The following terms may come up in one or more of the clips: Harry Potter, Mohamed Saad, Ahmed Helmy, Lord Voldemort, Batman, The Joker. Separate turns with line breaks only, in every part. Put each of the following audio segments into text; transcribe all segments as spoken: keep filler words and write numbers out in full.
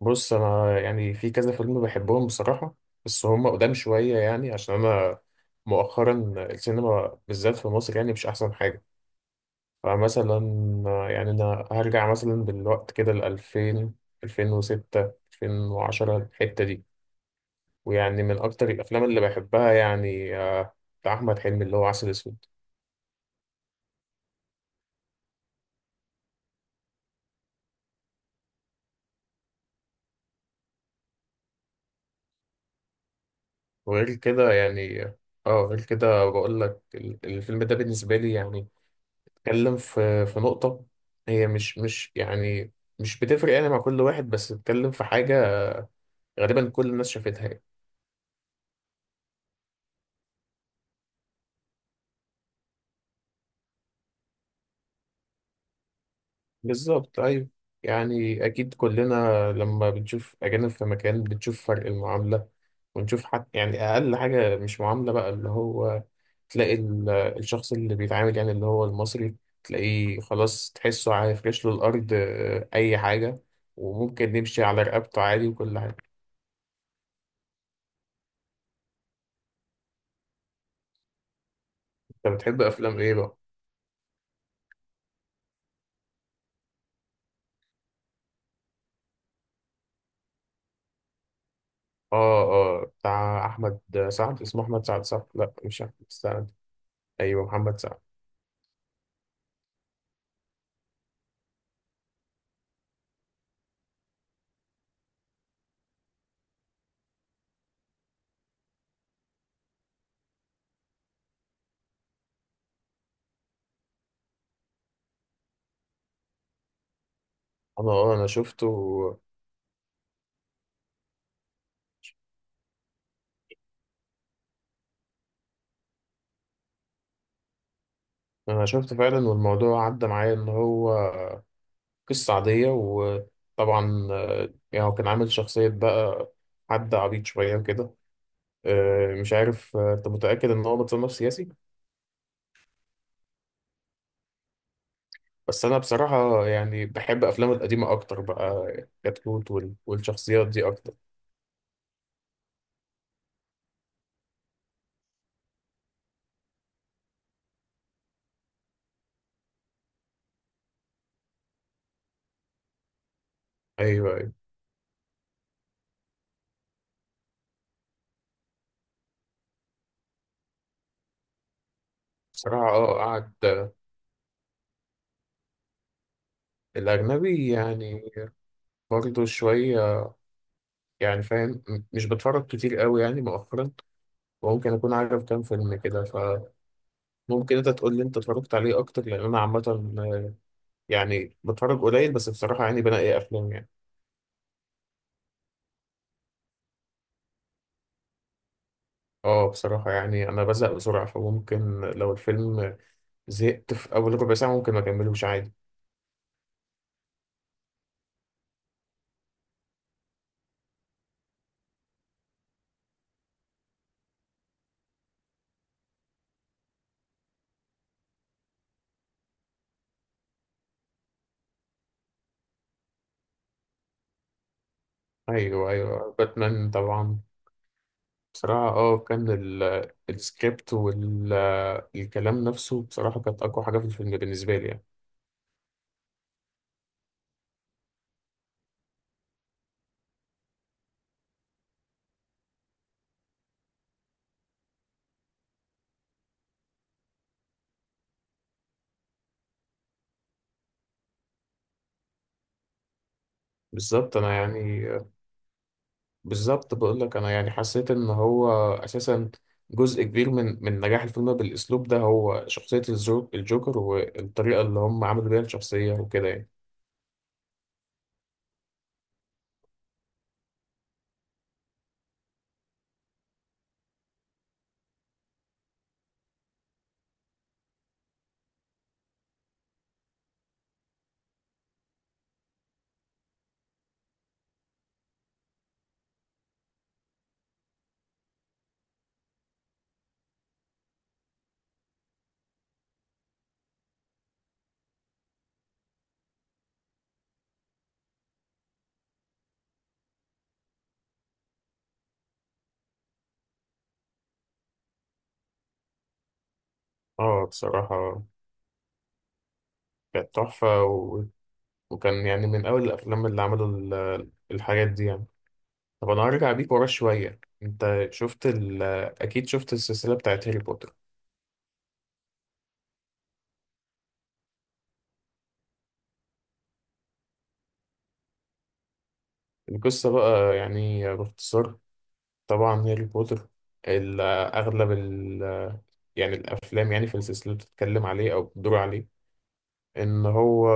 بص، انا يعني في كذا فيلم بحبهم بصراحه. بس هم قدام شويه، يعني عشان انا مؤخرا السينما بالذات في مصر يعني مش احسن حاجه. فمثلا، يعني انا هرجع مثلا بالوقت كده ل ألفين، ألفين وستة، ألفين وعشرة، الحته دي. ويعني من اكتر الافلام اللي بحبها يعني آه، بتاع احمد حلمي اللي هو عسل اسود. وغير كده يعني اه غير كده بقول لك ال- الفيلم ده بالنسبه لي، يعني اتكلم في في نقطة هي مش مش يعني مش بتفرق يعني مع كل واحد، بس اتكلم في حاجة غالبا كل الناس شافتها يعني. بالظبط، أيوة. يعني أكيد كلنا لما بنشوف أجانب في مكان بنشوف فرق المعاملة، ونشوف حتى يعني أقل حاجة مش معاملة بقى. اللي هو تلاقي ال- الشخص اللي بيتعامل، يعني اللي هو المصري، تلاقيه خلاص، تحسه هيفرش له الأرض، آه، أي حاجة. وممكن نمشي على رقبته عادي وكل حاجة. أنت بتحب أفلام إيه بقى؟ اه، اه، بتاع احمد سعد. اسمه احمد سعد، صح؟ لا، مش احمد سعد. ايوه، محمد سعد. انا اه انا شفته. انا شفته فعلا، والموضوع عدى معايا ان هو قصه عاديه. وطبعا آه، يعني هو كان عامل شخصيه بقى، حد عبيط شويه وكده. آه، مش عارف، آه، انت متاكد ان هو متصنف سياسي؟ بس انا بصراحه يعني بحب افلامه القديمه اكتر بقى. كتكوت وال- والشخصيات دي اكتر. ايوه، ايوه. بصراحه، اه، قعد آه، الاجنبي يعني. برضه شوية، يعني فاهم، م- مش بتفرج كتير قوي يعني مؤخرا. وممكن أكون عارف كام فيلم كده. فممكن أنت تقول لي أنت اتفرجت عليه أكتر، لأن أنا عامة آه، يعني بتفرج قليل، بس بصراحة يعني بنقي أفلام يعني. أه، بصراحة يعني أنا بزهق بسرعة. فممكن لو الفيلم زهقت في أول ربع ساعة ممكن ما أكملوش عادي. أيوه، أيوه، باتمان طبعا. بصراحة، أه، كان ال- السكريبت والكلام نفسه بصراحة كانت أقوى حاجة في الفيلم بالنسبة لي يعني. بالظبط، أنا يعني، بالظبط بقول لك انا يعني حسيت ان هو اساسا جزء كبير من من نجاح الفيلم بالاسلوب ده هو شخصية الجو- الجوكر، والطريقة اللي هم عملوا بيها الشخصية وكده يعني. اه، بصراحة كانت تحفة و... وكان يعني من اول الافلام اللي عملوا ال- الحاجات دي يعني. طب انا هرجع بيك ورا شوية. انت شفت ال... اكيد شفت السلسلة بتاعت هاري بوتر؟ القصة بقى يعني باختصار. طبعا هاري بوتر، ال- اغلب يعني الافلام يعني في السلسله بتتكلم عليه او بتدور عليه. ان هو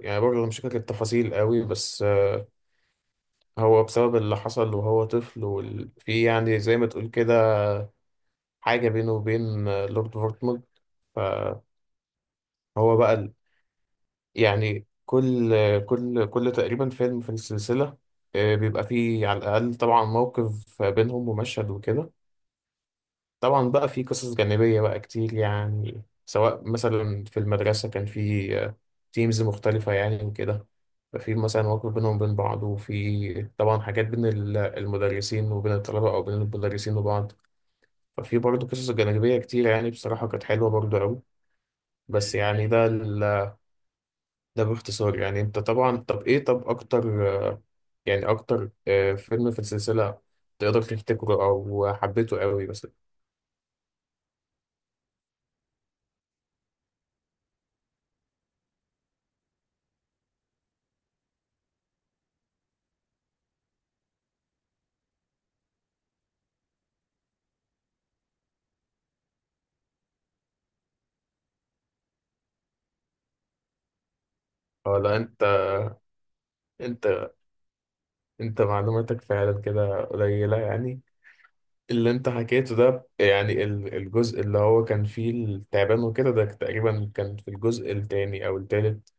يعني، برضه مش فاكر التفاصيل قوي، بس هو بسبب اللي حصل وهو طفل، وفي يعني زي ما تقول كده حاجه بينه وبين لورد فورتموند. فهو بقى ال- يعني كل كل كل تقريبا فيلم في السلسله آه، بيبقى فيه على الاقل طبعا موقف بينهم ومشهد وكده. طبعا بقى في قصص جانبية بقى كتير، يعني سواء مثلا في المدرسة كان في تيمز مختلفة يعني وكده. ففي مثلا مواقف بينهم وبين بعض، وفي طبعا حاجات بين ال- المدرسين وبين الطلبة، أو بين المدرسين وبعض. ففي برضه قصص جانبية كتير، يعني بصراحة كانت حلوة برضه أوي. بس يعني ده ال- ده باختصار يعني. أنت طبعا طب إيه، طب أكتر آه، يعني أكتر آه، فيلم في السلسلة تقدر تفتكره أو حبيته أوي مثلا؟ ولا أنت، انت انت معلوماتك فعلا كده قليلة يعني. اللي انت حكيته ده يعني ال- الجزء اللي هو كان فيه التعبان وكده، ده تقريبا كان في الجزء التاني او التالت.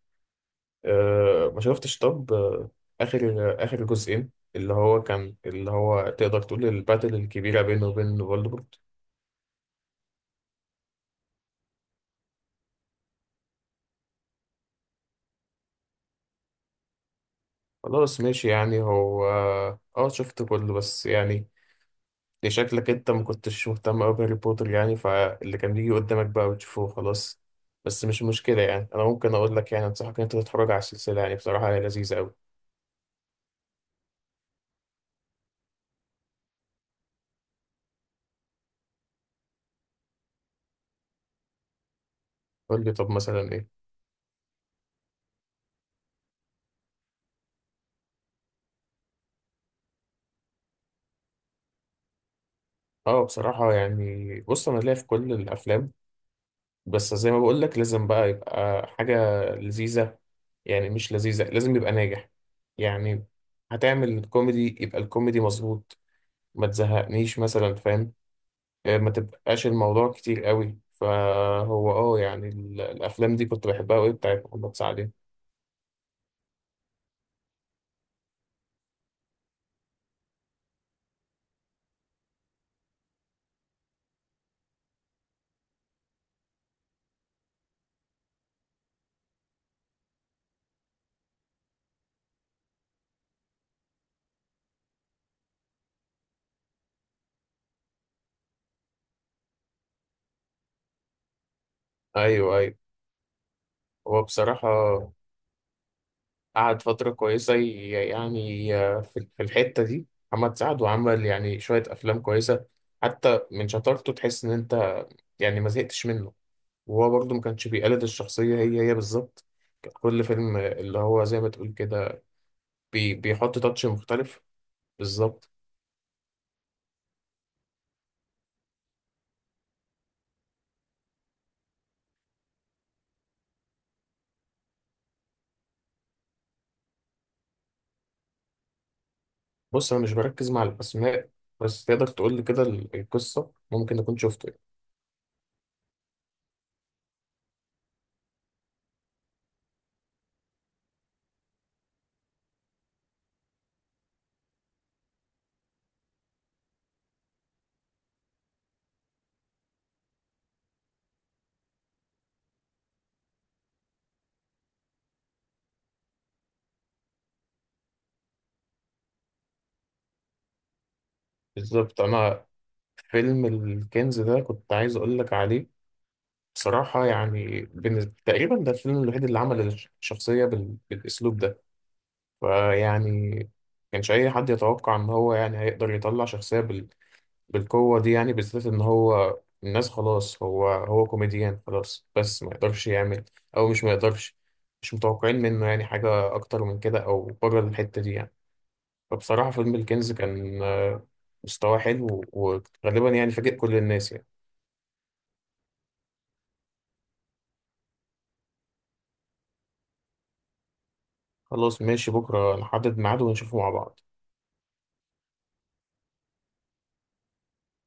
اه، ما شفتش طب آه، اخر اخر جزئين اللي هو كان، اللي هو تقدر تقول الباتل الكبيرة بينه وبين فولدمورت. خلاص، ماشي. يعني هو اه شفت كله بس يعني دي شكلك انت ما كنتش مهتم قوي بهاري بوتر يعني، فاللي كان بيجي قدامك بقى بتشوفه خلاص. بس مش مشكلة يعني، انا ممكن اقول لك، يعني انصحك ان انت تتفرج على السلسلة. يعني بصراحة هي لذيذة قوي. قول لي طب مثلا ايه. اه، بصراحة يعني بص، انا ليا في كل الافلام، بس زي ما بقول لك لازم بقى يبقى حاجة لذيذة. يعني مش لذيذة، لازم يبقى ناجح. يعني هتعمل كوميدي يبقى الكوميدي مظبوط، ما تزهقنيش مثلا، فاهم؟ آه، ما تبقاش الموضوع كتير قوي. فهو اه يعني ال- الافلام دي كنت بحبها قوي بتاعت محمد سعد. ايوه ايوه. هو بصراحه قعد فتره كويسه، ي- يعني آه، في في الحته دي محمد سعد، وعمل يعني شويه افلام كويسه. حتى من شطارته تحس ان انت يعني ما زهقتش منه. وهو برضه ما كانش بيقلد الشخصيه هي هي بالظبط. كان كل فيلم اللي هو زي ما تقول كده بي بيحط تاتش مختلف. بالظبط. بص انا مش بركز مع الاسماء، بس تقدر تقول لي كده ال- القصه ممكن اكون شفته يعني. بالظبط. انا فيلم الكنز ده كنت عايز اقول لك عليه. بصراحه يعني بالنسبة تقريبا ده الفيلم الوحيد اللي عمل الش- الشخصيه بال... بالاسلوب ده. فيعني كانش اي حد يتوقع ان هو يعني هيقدر يطلع شخصيه بال... بالقوه دي، يعني بالذات ان هو الناس خلاص، هو هو كوميديان خلاص، بس ما يقدرش يعمل، او مش ما يقدرش، مش متوقعين منه يعني حاجه اكتر من كده او بره الحته دي يعني. فبصراحة فيلم الكنز كان آه، مستواه حلو، وغالبا يعني فاجئ كل الناس يعني. خلاص ماشي، بكرة نحدد ميعاد ونشوفه مع بعض.